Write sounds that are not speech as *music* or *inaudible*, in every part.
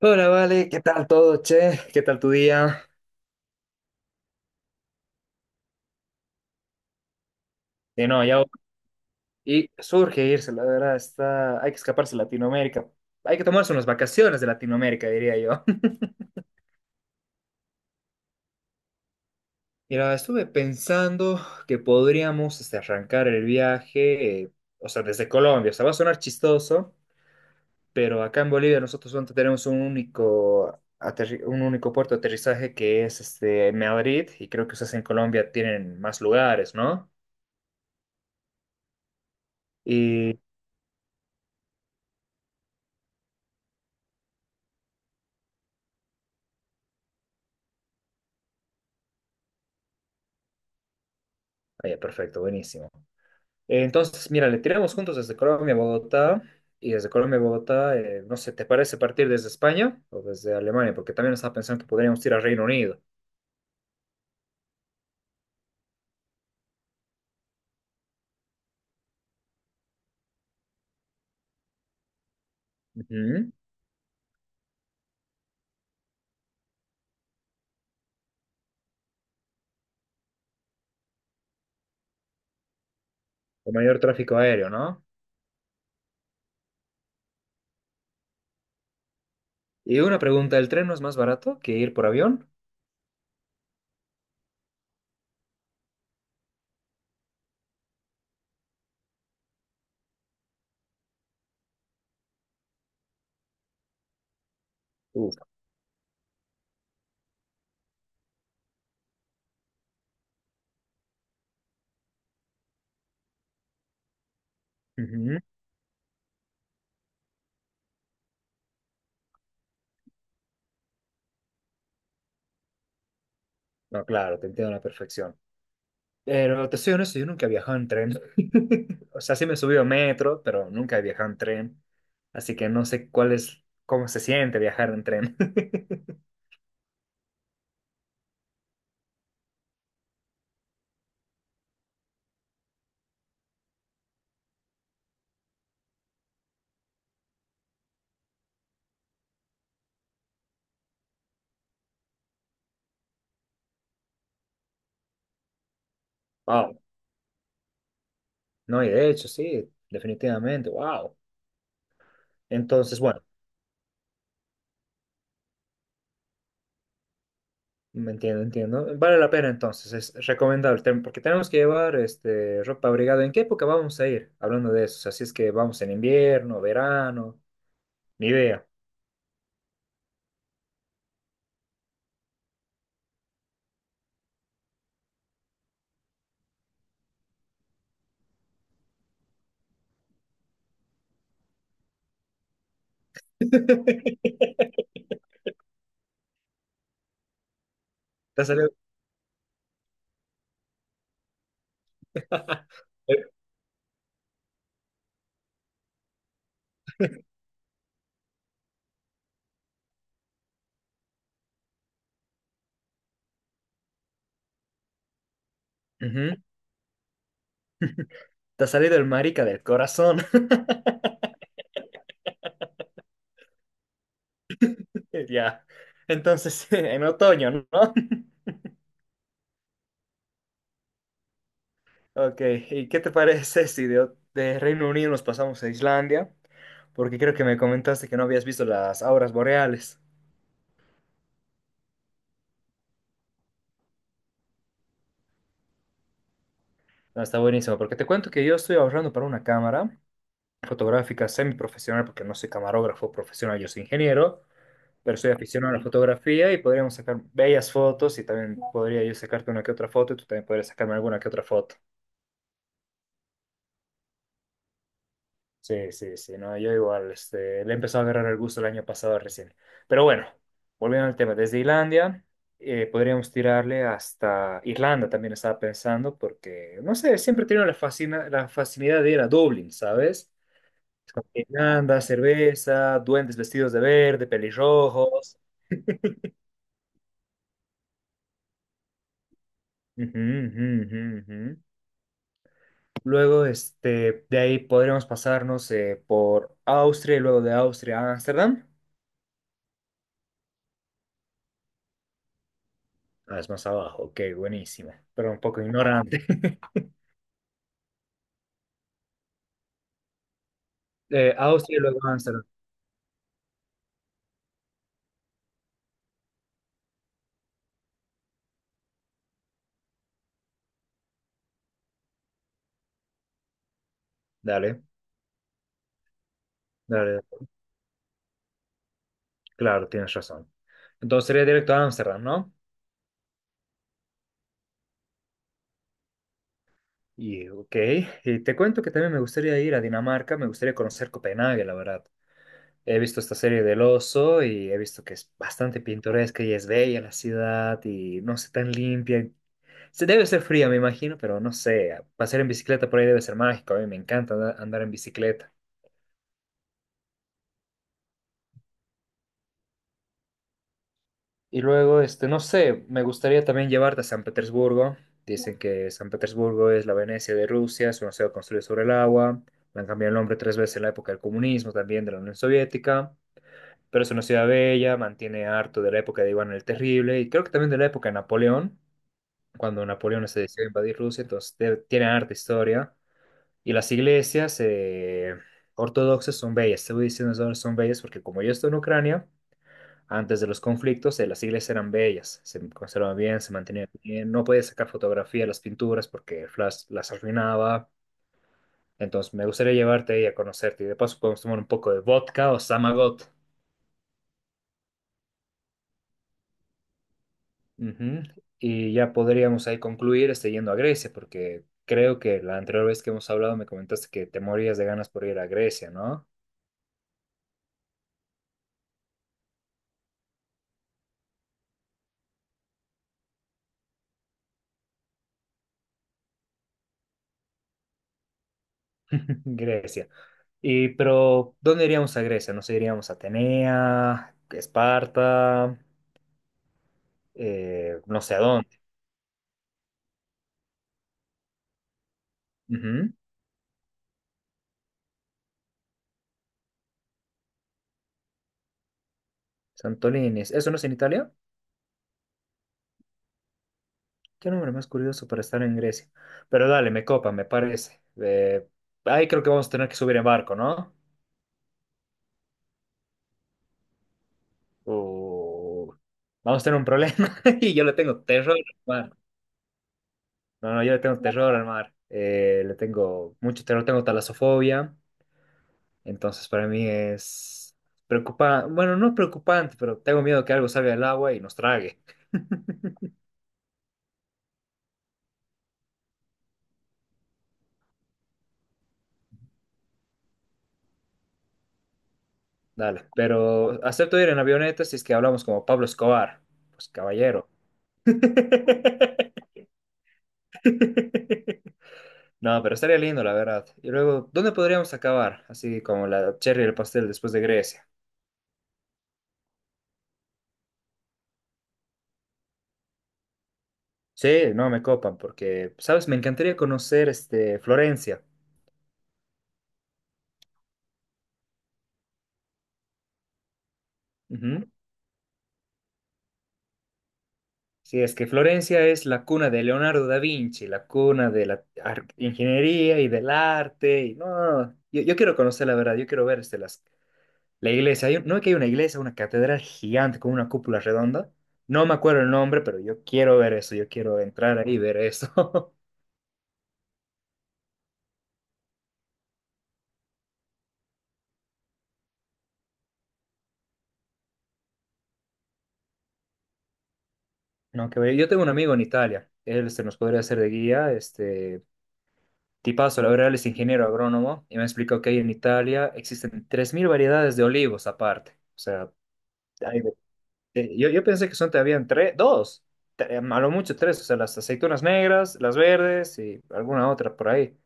Hola, Vale, ¿qué tal todo, che? ¿Qué tal tu día? Y no, ya. Y surge irse, la verdad, está hay que escaparse de Latinoamérica. Hay que tomarse unas vacaciones de Latinoamérica, diría yo. *laughs* Mira, estuve pensando que podríamos este, arrancar el viaje, o sea, desde Colombia. O sea, va a sonar chistoso, pero acá en Bolivia nosotros solamente tenemos un único, un único puerto de aterrizaje que es este, Madrid, y creo que ustedes en Colombia tienen más lugares, ¿no? Y. Ah, ya, perfecto, buenísimo. Entonces, mira, le tiramos juntos desde Colombia a Bogotá y desde Colombia a Bogotá, no sé, ¿te parece partir desde España o desde Alemania? Porque también estaba pensando que podríamos ir al Reino Unido. Ujú. Con mayor tráfico aéreo, ¿no? Y una pregunta, ¿el tren no es más barato que ir por avión? Uf. Ujú. No, claro, te entiendo a la perfección. Pero te soy honesto, yo nunca he viajado en tren. *laughs* O sea, sí me he subido a metro, pero nunca he viajado en tren. Así que no sé cuál es, cómo se siente viajar en tren. *laughs* No, y de hecho, sí, definitivamente, wow. Entonces, bueno, me entiendo, entiendo. Vale la pena entonces, es recomendable, porque tenemos que llevar este, ropa abrigada. ¿En qué época vamos a ir? Hablando de eso, así es que vamos en invierno, verano, ni idea. *laughs* Te ha salido, *laughs* Ujú. Te ha salido el marica del corazón. *laughs* Ya. Entonces, *laughs* en otoño, ¿no? *laughs* Ok, ¿y qué te parece si de, de Reino Unido nos pasamos a Islandia? Porque creo que me comentaste que no habías visto las auras boreales. Ah, está buenísimo, porque te cuento que yo estoy ahorrando para una cámara fotográfica semiprofesional, porque no soy camarógrafo profesional, yo soy ingeniero, pero soy aficionado a la fotografía y podríamos sacar bellas fotos y también podría yo sacarte una que otra foto y tú también podrías sacarme alguna que otra foto. Sí, sí, sí, no, yo igual, este, le he empezado a agarrar el gusto el año pasado recién. Pero bueno, volviendo al tema, desde Islandia podríamos tirarle hasta Irlanda, también estaba pensando, porque, no sé, siempre he tenido la, fascina, la facilidad de ir a Dublín, ¿sabes? Es como que Irlanda, cerveza, duendes vestidos de verde, pelirrojos. Ujú, ujú, ujú, ujú. Luego, este, de ahí podríamos pasarnos por Austria y luego de Austria a Ámsterdam. Ah, es más abajo. Ok, buenísimo. Pero un poco ignorante. *laughs* Austria y luego Ámsterdam. Dale, dale. Claro, tienes razón. Entonces sería directo a Ámsterdam, ¿no? Y, ok. Y te cuento que también me gustaría ir a Dinamarca. Me gustaría conocer Copenhague, la verdad. He visto esta serie del oso y he visto que es bastante pintoresca y es bella la ciudad y no sé, tan limpia. Se debe ser fría, me imagino, pero no sé. Pasar en bicicleta por ahí debe ser mágico. A mí me encanta andar en bicicleta. Y luego, este, no sé, me gustaría también llevarte a San Petersburgo. Dicen que San Petersburgo es la Venecia de Rusia, es una ciudad construida sobre el agua. Le han cambiado el nombre tres veces en la época del comunismo, también de la Unión Soviética. Pero es una ciudad bella, mantiene harto de la época de Iván el Terrible y creo que también de la época de Napoleón, cuando Napoleón se decidió a invadir Rusia, entonces tiene harta historia. Y las iglesias ortodoxas son bellas, te voy diciendo son bellas porque como yo estoy en Ucrania, antes de los conflictos, las iglesias eran bellas, se conservaban bien, se mantenían bien. No podías sacar fotografía de las pinturas porque el flash las arruinaba. Entonces, me gustaría llevarte ahí a conocerte. Y de paso, podemos tomar un poco de vodka o Samagot. Ujú. Y ya podríamos ahí concluir este, yendo a Grecia, porque creo que la anterior vez que hemos hablado me comentaste que te morías de ganas por ir a Grecia, ¿no? *laughs* Grecia. Y, pero, ¿dónde iríamos a Grecia? No sé, iríamos a Atenea, Esparta, no sé a dónde. Ujú, Santolini's. ¿Eso no es en Italia? Qué nombre más curioso para estar en Grecia. Pero dale, me copa, me parece. Ahí creo que vamos a tener que subir en barco, ¿no? O vamos a tener un problema. *laughs* Y yo le tengo terror al mar. No, no, yo le tengo terror al mar. Le tengo mucho terror, tengo talasofobia. Entonces para mí es preocupante. Bueno, no preocupante, pero tengo miedo que algo salga del agua y nos trague. *laughs* Dale, pero acepto ir en avioneta si es que hablamos como Pablo Escobar. Pues caballero. *laughs* No, pero estaría lindo, la verdad. Y luego, ¿dónde podríamos acabar? Así como la cherry y el pastel después de Grecia. Sí, no me copan, porque, ¿sabes? Me encantaría conocer este, Florencia. Ujú. Sí, es que Florencia es la cuna de Leonardo da Vinci, la cuna de la ingeniería y del arte. Y, no, no, no. Yo quiero conocer la verdad, yo quiero ver este, las la iglesia, no es que hay una iglesia, una catedral gigante con una cúpula redonda. No me acuerdo el nombre, pero yo quiero ver eso, yo quiero entrar ahí y ver eso. *laughs* No, que ver. Yo tengo un amigo en Italia, él se nos podría hacer de guía, este tipazo, la verdad, él es ingeniero agrónomo y me explicó que ahí en Italia existen 3.000 variedades de olivos aparte. O sea, hay yo, yo pensé que son todavía tres, dos, a lo mucho tres, o sea, las aceitunas negras, las verdes y alguna otra por ahí.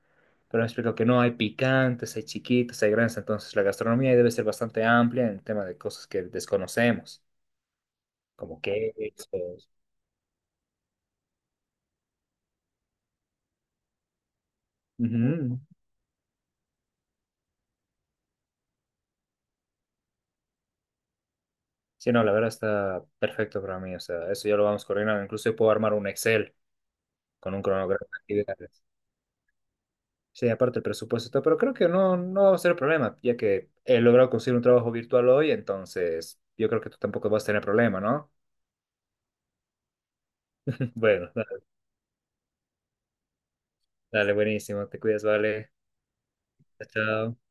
Pero me explico que no, hay picantes, hay chiquitos, hay grandes, entonces la gastronomía debe ser bastante amplia en tema de cosas que desconocemos, como quesos. Ujú. Sí, no, la verdad está perfecto para mí, o sea, eso ya lo vamos coordinando, incluso yo puedo armar un Excel con un cronograma de actividades. Sí, aparte el presupuesto, y todo, pero creo que no, no va a ser problema, ya que he logrado conseguir un trabajo virtual hoy, entonces yo creo que tú tampoco vas a tener problema, ¿no? *laughs* Bueno, dale, buenísimo, te cuidas, vale. Chao. Chao.